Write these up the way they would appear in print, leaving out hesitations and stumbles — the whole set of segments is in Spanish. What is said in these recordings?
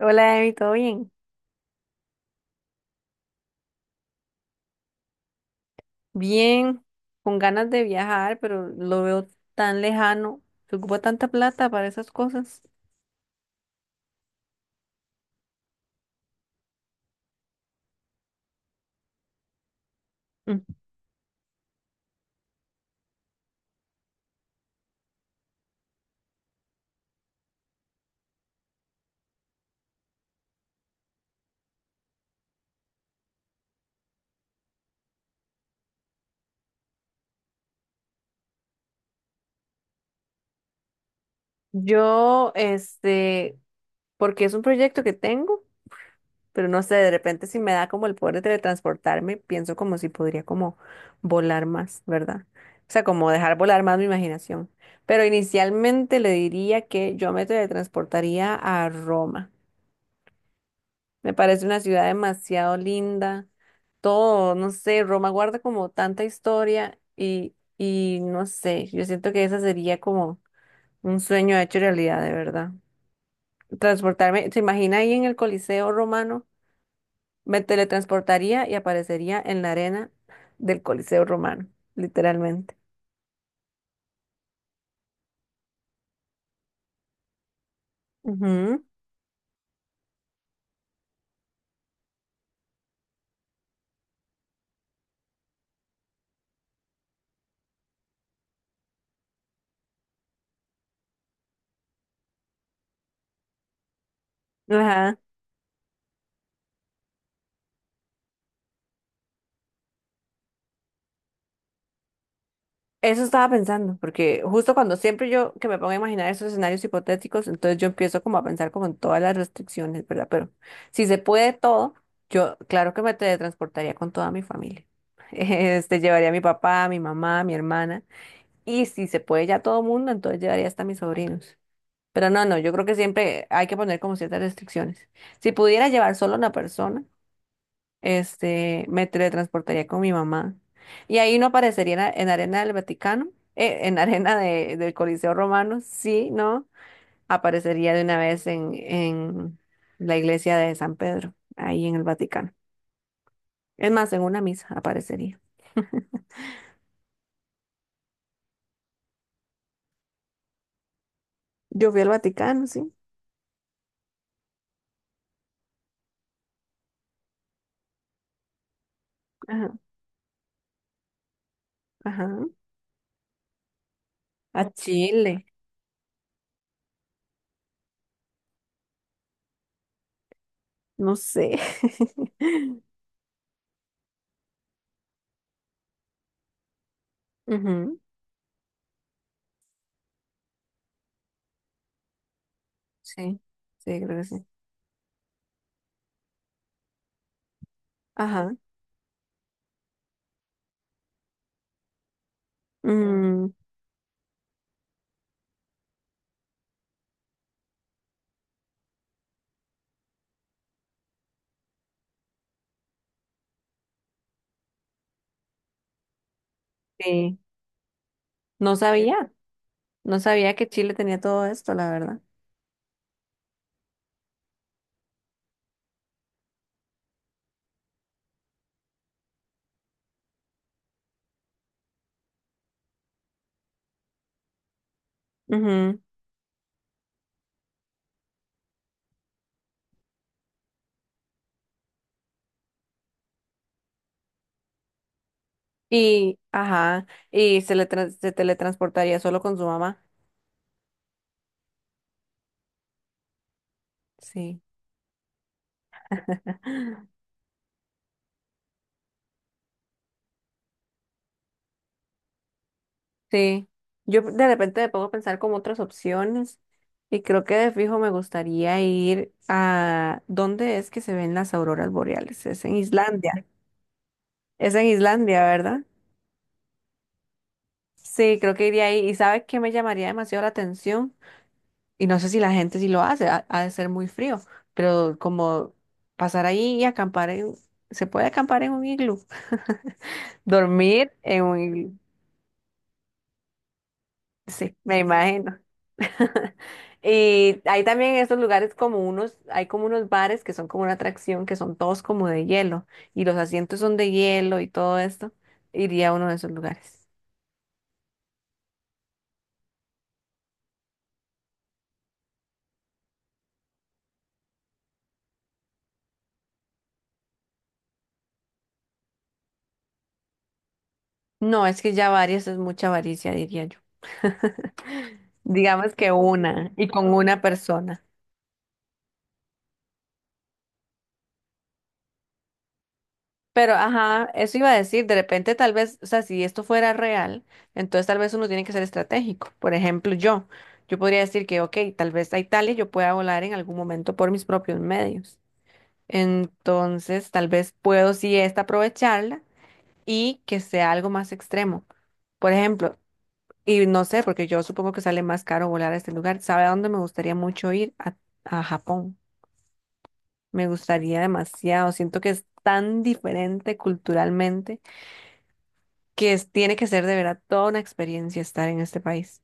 Hola, Emi, ¿todo bien? Bien, con ganas de viajar, pero lo veo tan lejano. Se ocupa tanta plata para esas cosas. Mm. Yo, porque es un proyecto que tengo, pero no sé, de repente si me da como el poder de teletransportarme, pienso como si podría como volar más, ¿verdad? O sea, como dejar volar más mi imaginación. Pero inicialmente le diría que yo me teletransportaría a Roma. Me parece una ciudad demasiado linda. Todo, no sé, Roma guarda como tanta historia y no sé, yo siento que esa sería como un sueño hecho realidad, de verdad. Transportarme, ¿se imagina ahí en el Coliseo Romano? Me teletransportaría y aparecería en la arena del Coliseo Romano, literalmente. Ujú. Ajá. Eso estaba pensando, porque justo cuando siempre yo que me pongo a imaginar esos escenarios hipotéticos, entonces yo empiezo como a pensar como en todas las restricciones, ¿verdad? Pero si se puede todo, yo claro que me teletransportaría con toda mi familia. Llevaría a mi papá, a mi mamá, a mi hermana, y si se puede ya todo mundo, entonces llevaría hasta a mis sobrinos. Pero no, no, yo creo que siempre hay que poner como ciertas restricciones. Si pudiera llevar solo a una persona, me teletransportaría con mi mamá. Y ahí no aparecería en arena del Vaticano, en arena del Coliseo Romano, sí, ¿no? Aparecería de una vez en la iglesia de San Pedro, ahí en el Vaticano. Es más, en una misa aparecería. Yo fui al Vaticano, sí. Ajá, ajá. A Chile, no sé. Ujú. Sí, sí, creo que sí. Ajá. Mm, sí. No sabía, no sabía que Chile tenía todo esto, la verdad. Ujú. Y, ajá, y se teletransportaría solo con su mamá. Sí, sí. Yo de repente me pongo a pensar como otras opciones y creo que de fijo me gustaría ir a... ¿Dónde es que se ven las auroras boreales? Es en Islandia. Es en Islandia, ¿verdad? Sí, creo que iría ahí. ¿Y sabes qué me llamaría demasiado la atención? Y no sé si la gente sí lo hace, ha, ha de ser muy frío, pero como pasar ahí y acampar en... ¿Se puede acampar en un iglú? Dormir en un... Sí, me imagino. Y hay también en estos lugares como unos, hay como unos bares que son como una atracción, que son todos como de hielo, y los asientos son de hielo y todo esto. Iría a uno de esos lugares. No, es que ya varias es mucha avaricia, diría yo. Digamos que una, y con una persona. Pero, ajá, eso iba a decir, de repente tal vez, o sea, si esto fuera real, entonces tal vez uno tiene que ser estratégico. Por ejemplo, yo podría decir que, ok, tal vez a Italia yo pueda volar en algún momento por mis propios medios. Entonces, tal vez puedo sí esta aprovecharla y que sea algo más extremo. Por ejemplo, y no sé, porque yo supongo que sale más caro volar a este lugar. ¿Sabe a dónde me gustaría mucho ir? A Japón. Me gustaría demasiado. Siento que es tan diferente culturalmente que tiene que ser de verdad toda una experiencia estar en este país.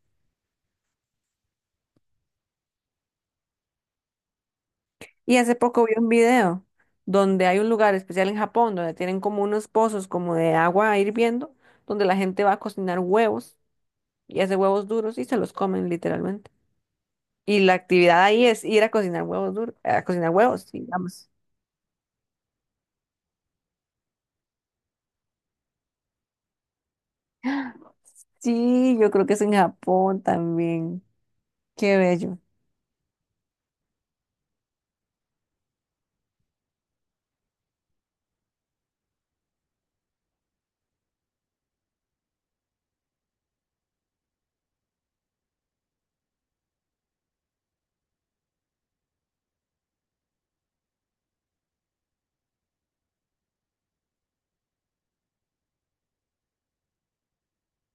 Y hace poco vi un video donde hay un lugar especial en Japón donde tienen como unos pozos como de agua hirviendo, donde la gente va a cocinar huevos y hace huevos duros y se los comen literalmente. Y la actividad ahí es ir a cocinar huevos duros, a cocinar huevos, digamos. Sí, yo creo que es en Japón también. Qué bello.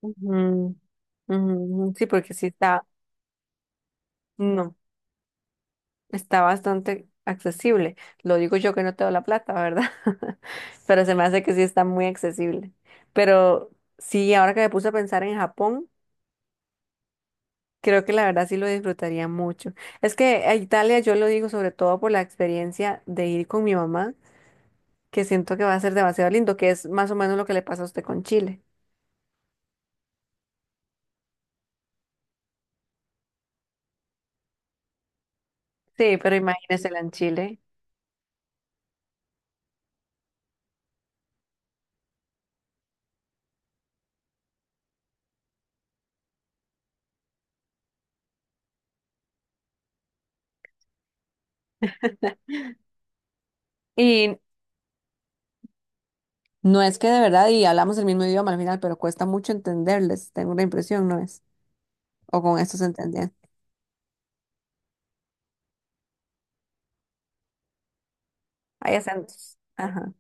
Ujú, ujú. Sí, porque sí está. No, está bastante accesible. Lo digo yo que no tengo la plata, ¿verdad? Pero se me hace que sí está muy accesible. Pero sí, ahora que me puse a pensar en Japón, creo que la verdad sí lo disfrutaría mucho. Es que a Italia yo lo digo sobre todo por la experiencia de ir con mi mamá, que siento que va a ser demasiado lindo, que es más o menos lo que le pasa a usted con Chile. Sí, pero imagínese en Chile. Y no, es que de verdad, y hablamos el mismo idioma al final, pero cuesta mucho entenderles, tengo la impresión, ¿no es? O con esto se entendía. Hay acentos. Ajá.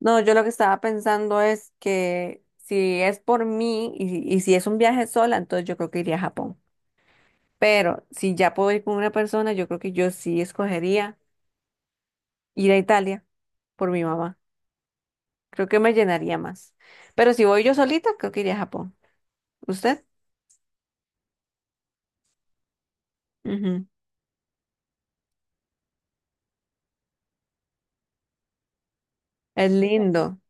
No, yo lo que estaba pensando es que si es por mí y si es un viaje sola, entonces yo creo que iría a Japón. Pero si ya puedo ir con una persona, yo creo que yo sí escogería ir a Italia por mi mamá. Creo que me llenaría más. Pero si voy yo solita, creo que iría a Japón. ¿Usted? Ujú. Es lindo.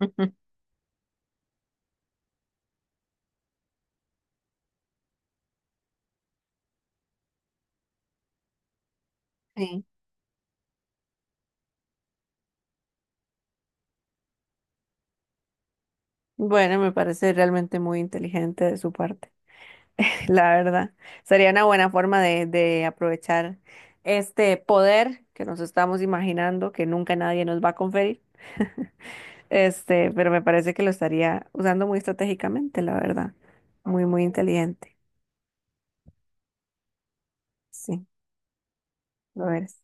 Sí. Bueno, me parece realmente muy inteligente de su parte. La verdad, sería una buena forma de aprovechar este poder que nos estamos imaginando que nunca nadie nos va a conferir. Pero me parece que lo estaría usando muy estratégicamente, la verdad. Muy, muy inteligente. Sí, lo eres.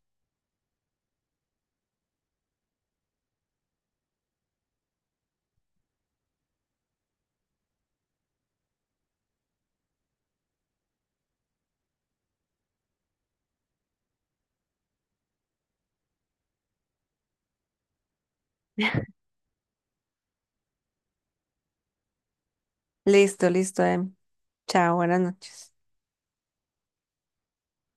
Listo, listo, Em. Chao, buenas noches.